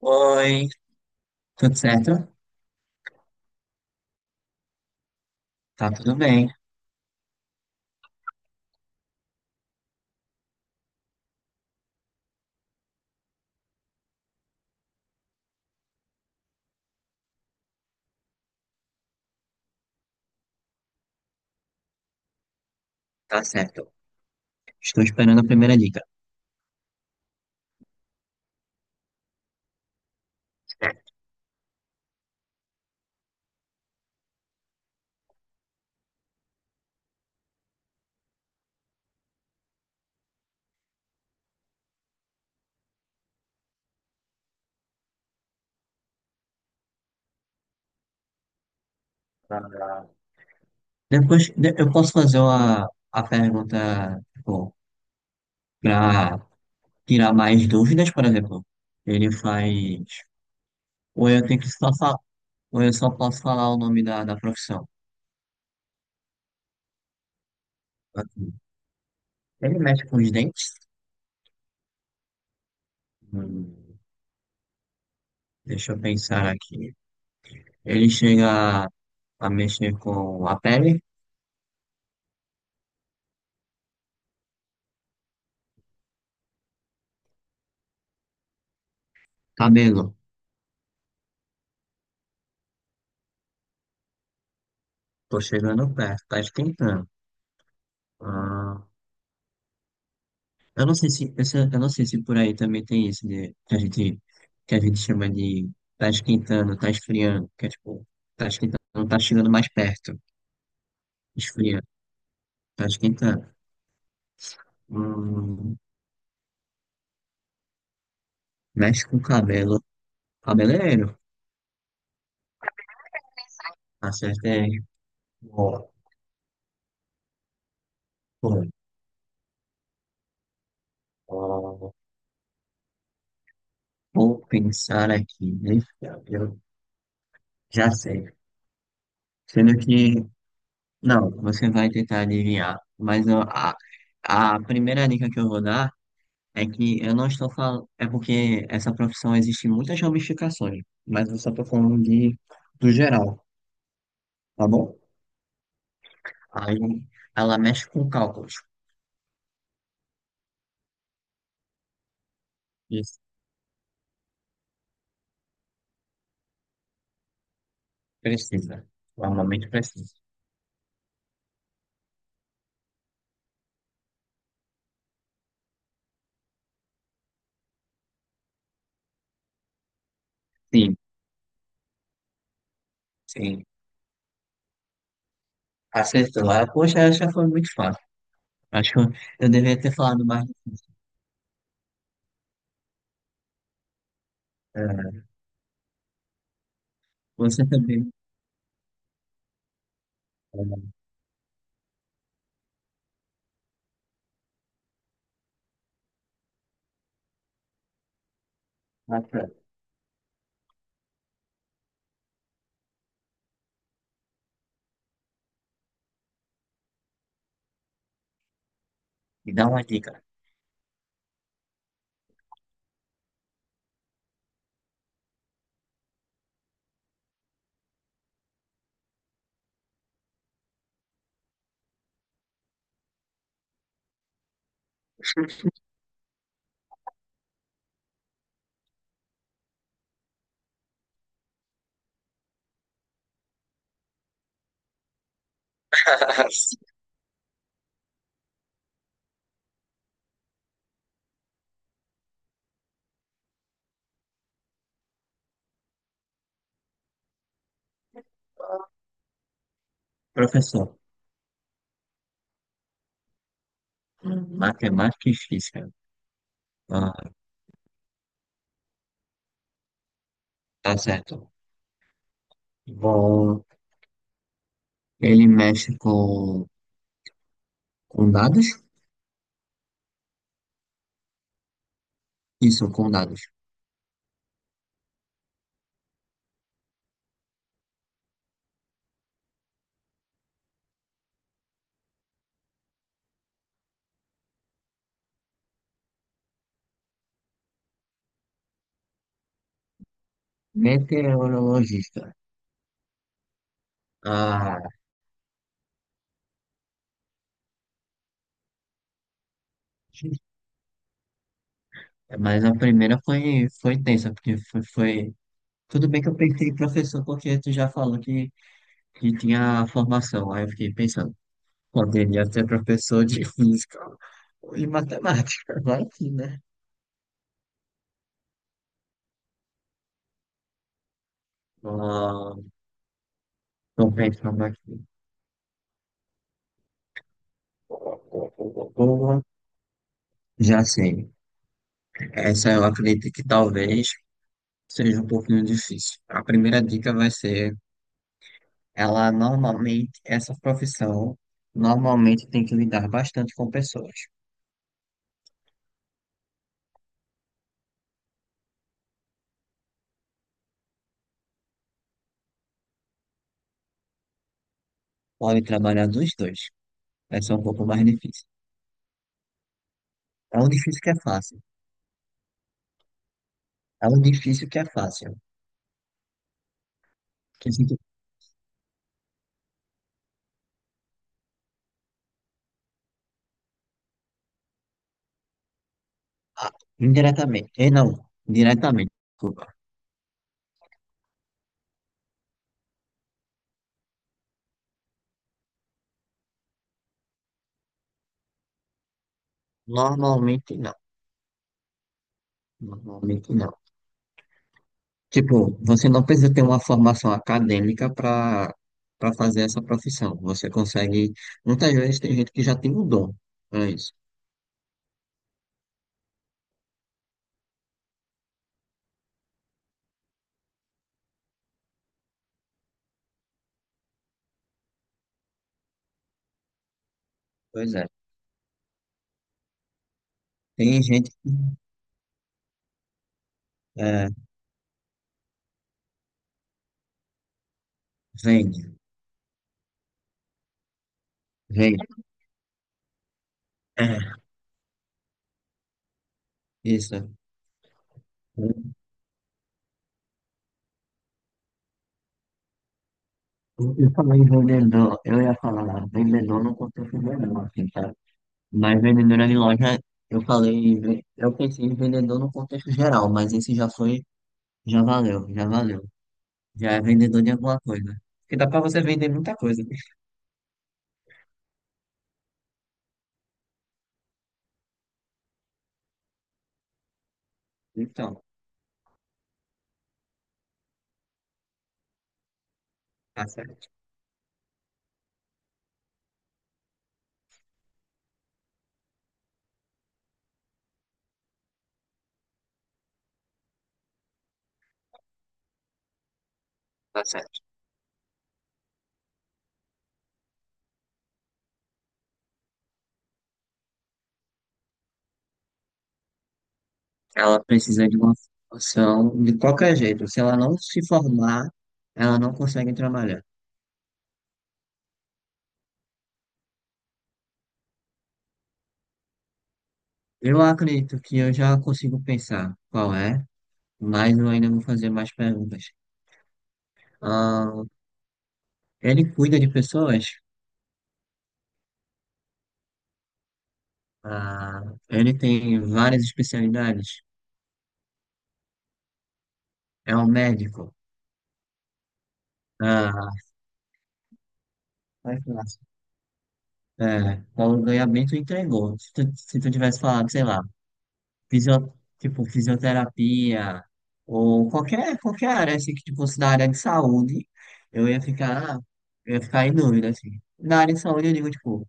Oi, tudo certo? Tá tudo bem, tá certo. Estou esperando a primeira dica. Ah, eu posso fazer uma, a pergunta, tipo, para tirar mais dúvidas, por exemplo. Ele faz. Ou eu tenho que só falar, ou eu só posso falar o nome da profissão. Ele mexe com os dentes? Hum, deixa eu pensar aqui. Ele chega a mexer com a pele? Cabelo. Tô chegando perto, tá esquentando. Ah. Eu não sei eu não sei se por aí também tem isso de, que a gente chama de tá esquentando, tá esfriando, que é tipo, tá esquentando, tá chegando mais perto, esfriando, tá esquentando. Hum, mexe com o cabelo, cabeleireiro, acerta aí. Ó, ó, ó. Vou pensar aqui, né? Eu já sei. Sendo que, não, você vai tentar adivinhar, mas ó, a primeira dica que eu vou dar. É que eu não estou falando. É porque essa profissão existe muitas ramificações, mas eu só estou falando de, do geral, tá bom? Aí ela mexe com cálculos. Isso, precisa. Normalmente precisa. Sim, sim. Acertou. Ah, poxa, essa foi muito fácil. Acho que eu deveria ter falado mais. É, você também. É, matemática. Me dá uma dica. Professor, matemática e física. Ah, tá certo. Bom, ele mexe com condados. Isso, condados dados. Meteorologista. Ah, mas a primeira foi, foi tensa, porque foi, foi- Tudo bem que eu pensei em professor, porque tu já falou que tinha formação. Aí eu fiquei pensando, poderia ser professor de física ou de matemática. Vai que, né? Ah, tô pensando aqui. Já sei. Essa eu acredito que talvez seja um pouquinho difícil. A primeira dica vai ser. Ela normalmente, essa profissão normalmente tem que lidar bastante com pessoas. Pode trabalhar dos dois. Vai ser um pouco mais difícil. É um difícil que é fácil. É um difícil que é fácil. Que assim, tipo, ah, indiretamente. Eh, não, diretamente, desculpa. Normalmente não. Normalmente não. Tipo, você não precisa ter uma formação acadêmica para fazer essa profissão. Você consegue. Muitas vezes tem gente que já tem o dom. É isso. Pois é. Tem gente que é, vende. Vem, é, isso. Eu falei vendedor, eu ia falar vendedor no contexto geral, assim, sabe? Mas vendedora de loja, eu falei, eu pensei em vendedor no contexto geral, mas esse já foi, já valeu, já valeu. Já é vendedor de alguma coisa. Porque dá pra você vender muita coisa. Então, tá certo, tá certo. Ela precisa de uma formação de qualquer jeito. Se ela não se formar, ela não consegue trabalhar. Eu acredito que eu já consigo pensar qual é. Mas eu ainda vou fazer mais perguntas. Ah, ele cuida de pessoas? Ah, ele tem várias especialidades? É um médico? Ah, mais fácil. É, Paulo ganha bem, tu entregou. Se tu tivesse falado, sei lá, fisio, tipo, fisioterapia ou qualquer, qualquer área assim, que tipo, fosse da área de saúde, eu ia ficar, eu ia ficar em dúvida, assim. Na área de saúde, eu digo, tipo,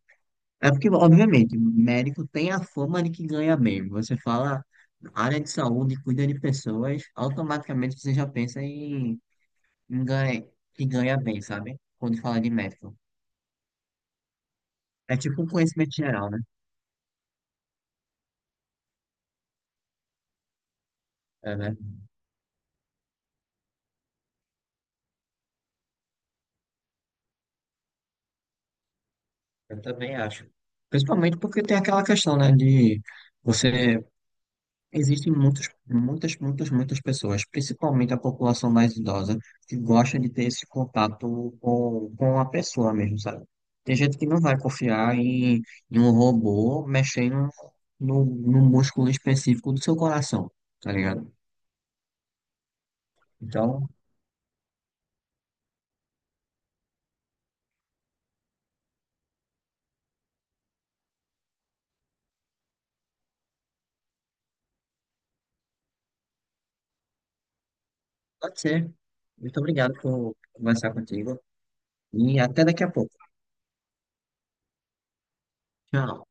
é porque, obviamente, médico tem a fama de que ganha bem. Você fala área de saúde, cuida de pessoas, automaticamente você já pensa em, em ganha, que ganha bem, sabe? Quando fala de médico. É tipo um conhecimento geral, né? É, né? Eu também acho. Principalmente porque tem aquela questão, né, de você. Existem muitas muitas, muitas, muitas pessoas, principalmente a população mais idosa, que gosta de ter esse contato com a pessoa mesmo, sabe? Tem gente que não vai confiar em, em um robô mexendo no músculo específico do seu coração, tá ligado? Então, pode ser. Muito obrigado por conversar contigo e até daqui a pouco. Tchau.